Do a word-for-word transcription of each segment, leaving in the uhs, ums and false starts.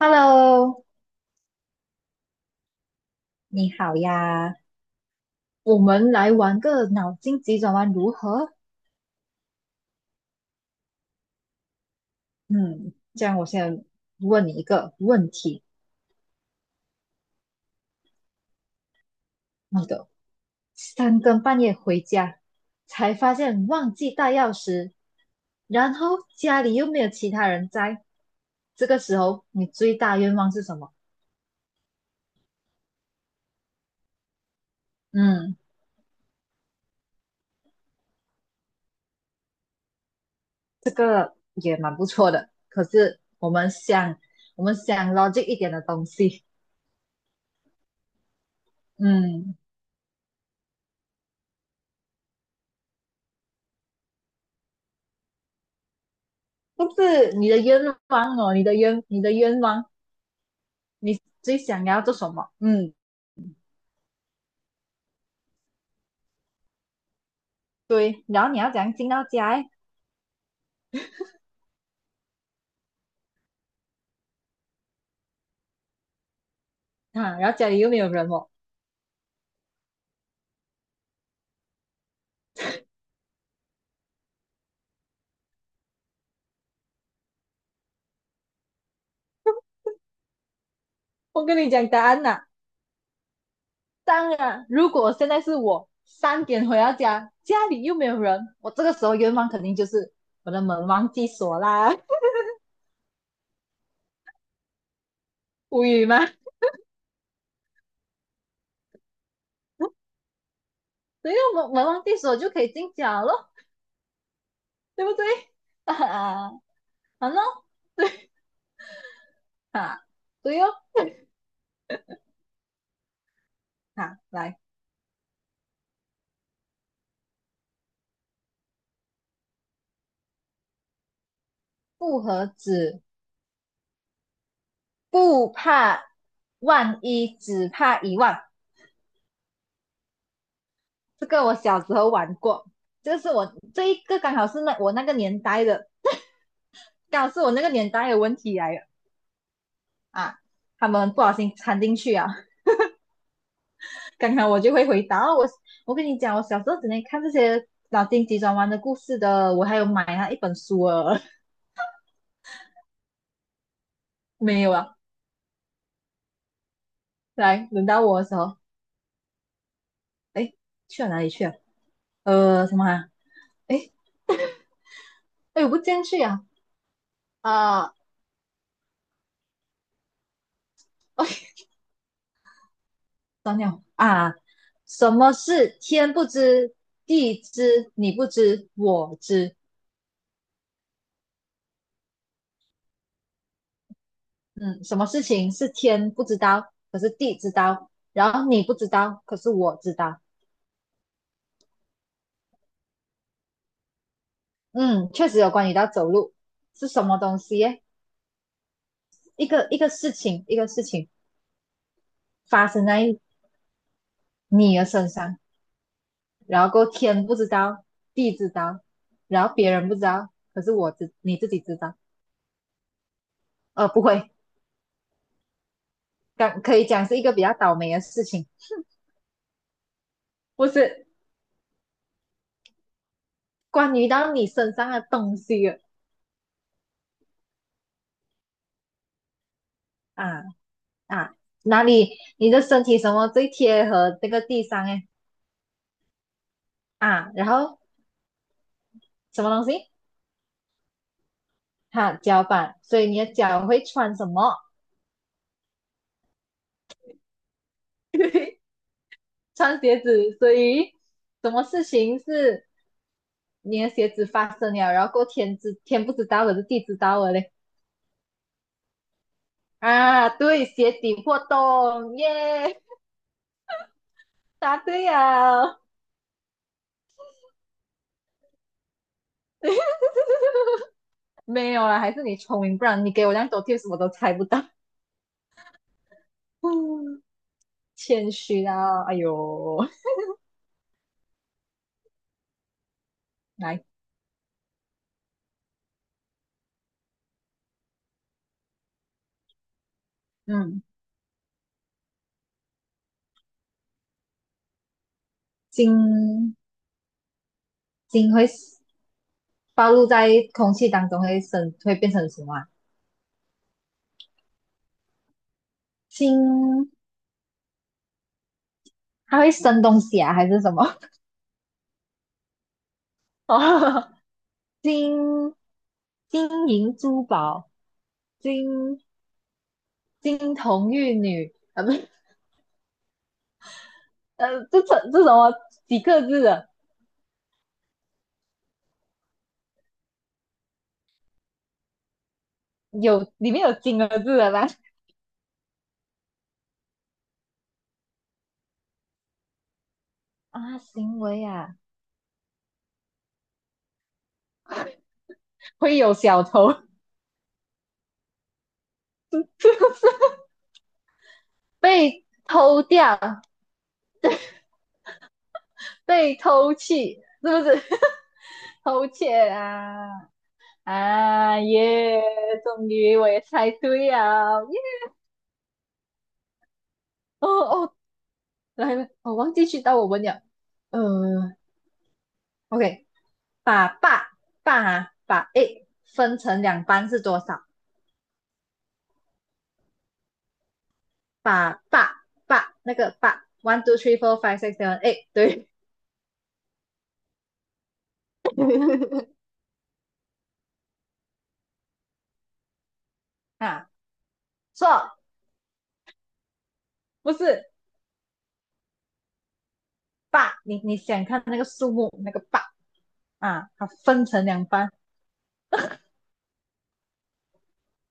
Hello，你好呀，我们来玩个脑筋急转弯如何？嗯，这样，我先问你一个问题：你的三更半夜回家，才发现忘记带钥匙，然后家里又没有其他人在，这个时候你最大愿望是什么？嗯，这个也蛮不错的。可是我们想，我们想 logic 一点的东西，嗯。不是你的愿望哦，你的愿，你的愿望，你最想要做什么？嗯，对。然后你要怎样进到家诶啊，然后家里又没有人哦。我跟你讲答案呐、当然，如果现在是我三点回到家，家里又没有人，我这个时候愿望肯定就是我的门忘记锁啦，无语吗？所以门门忘记锁就可以进家咯，对不对？啊，好咯，对啊，对哦，啊，来复合子不怕万一，只怕一万。这个我小时候玩过，这是我这一个刚好是那我那个年代的，刚好是我那个年代的问题来了啊。他们不小心掺进去啊，刚好我就会回答。哦，我我跟你讲，我小时候只能看这些脑筋急转弯的故事的，我还有买他一本书啊，没有啊。来，轮到我的时候，哎，去了哪里去了？呃，什么啊？哎哎，我不进去啊啊！哦，张鸟啊，什么是天不知地知，你不知我知。嗯，什么事情是天不知道，可是地知道，然后你不知道，可是我知道。嗯，确实有关于到走路是什么东西耶一个一个事情，一个事情发生在你的身上，然后过后天不知道，地知道，然后别人不知道，可是我知你自己知道。呃，不会，刚可以讲是一个比较倒霉的事情，不是关于到你身上的东西了啊啊，哪里你的身体什么最贴合这个地上哎啊，然后什么东西哈、脚板，所以你的脚会穿什么？穿鞋子，所以什么事情是你的鞋子发生了，然后过天知天不知道的是地知道的嘞啊，对，鞋底破洞耶，答对呀，没有啦，还是你聪明，不然你给我这样多 t i 我都猜不到。嗯，谦虚啊，哎呦，来，嗯，金，金会 s- 暴露在空气当中会生，会变成什么啊金，它会生东西啊，还是什么？哦，金金银珠宝，金金童玉女，呃，不是，呃，这这这什么几个字的？有里面有金的字的吗？啊，行为啊，会有小偷被偷掉，被偷去，是不是？偷窃啊啊耶！终于我也猜对了耶！哦哦，来了，我忘记去到我问了。嗯，OK，把爸爸啊把 A 分成两半是多少？把爸爸那个爸，one two three four five six seven eight，对 啊，错，不是爸，你你想看那个数目那个爸啊，它分成两半，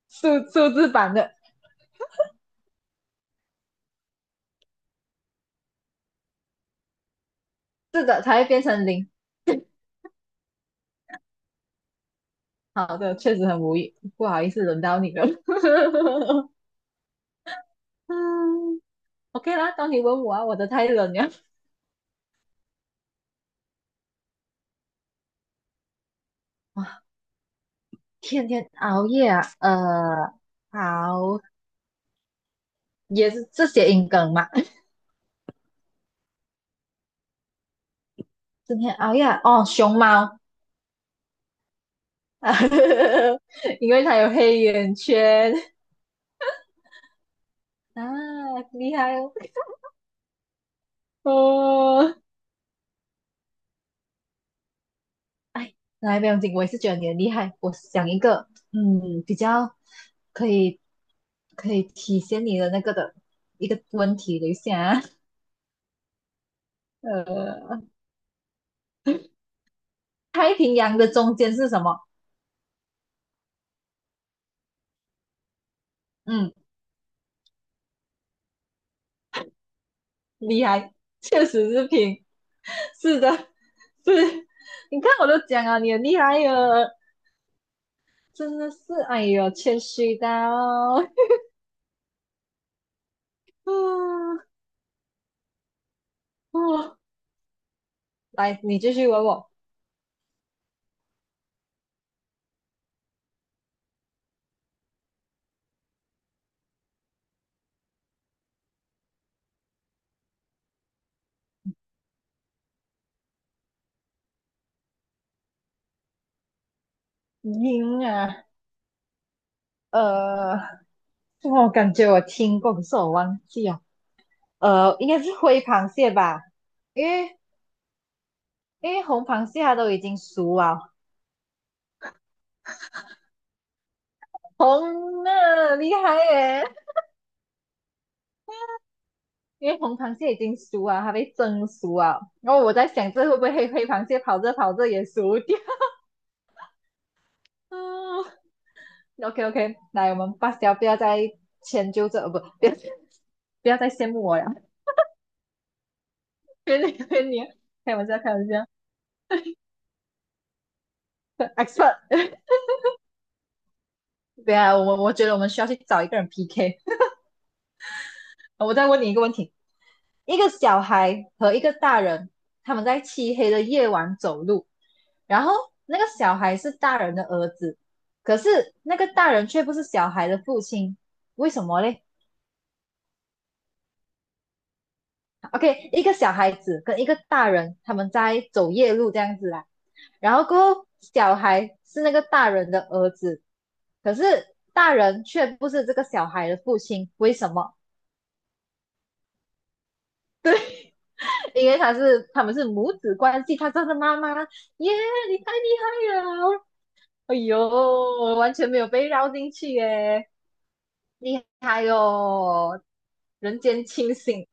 数数字版的，是的，才会变成零。好的，确实很无语，不好意思，轮到你了。嗯，OK 啦，到你问我啊，我的太冷了。哇，天天熬夜啊，呃，好，也是这些音梗嘛。今天熬夜啊哦，熊猫，因为它有黑眼圈 啊，厉害哦。哦，哎，来，不用紧，我也是觉得你很厉害。我想一个，嗯，比较可以可以体现你的那个的一个问题，等一下啊，呃，太平洋的中间是什么？嗯，厉害，确实是平，是的，是。你看我都讲啊，你很厉害哟，真的是，哎呦，谦虚到，嗯。哦，来，你继续问我，赢啊，呃，我感觉我听过，可是我忘记了。呃，应该是灰螃蟹吧，因为因为红螃蟹它都已经熟啊，红了，厉害耶！因为红螃蟹已经熟啊，它被蒸熟啊。然后我在想，这会不会黑黑螃蟹跑着跑着也熟掉？嗯，OK OK，来，我们罢掉，不要再迁就这，呃，不，不要不要再羡慕我了，别你别你，开玩笑开玩笑，expert 对啊，我我觉得我们需要去找一个人 P K。我再问你一个问题。一个小孩和一个大人，他们在漆黑的夜晚走路，然后那个小孩是大人的儿子，可是那个大人却不是小孩的父亲，为什么嘞？OK，一个小孩子跟一个大人，他们在走夜路这样子啦，然后过后小孩是那个大人的儿子，可是大人却不是这个小孩的父亲，为什么？因为他是他们是母子关系，他叫他妈妈，耶，你太厉害了。哎呦，我完全没有被绕进去耶，厉害哦，人间清醒。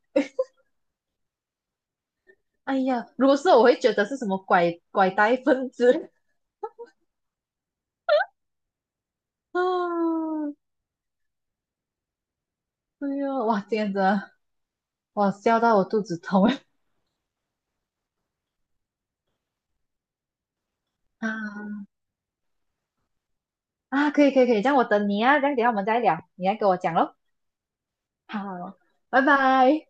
哎呀，如果是我会觉得是什么拐拐带分子 啊，哎呦，哇，今天真的我笑到我肚子痛 啊啊，可以可以可以，这样我等你啊，这样等一下我们再聊，你来给我讲咯。好，拜拜。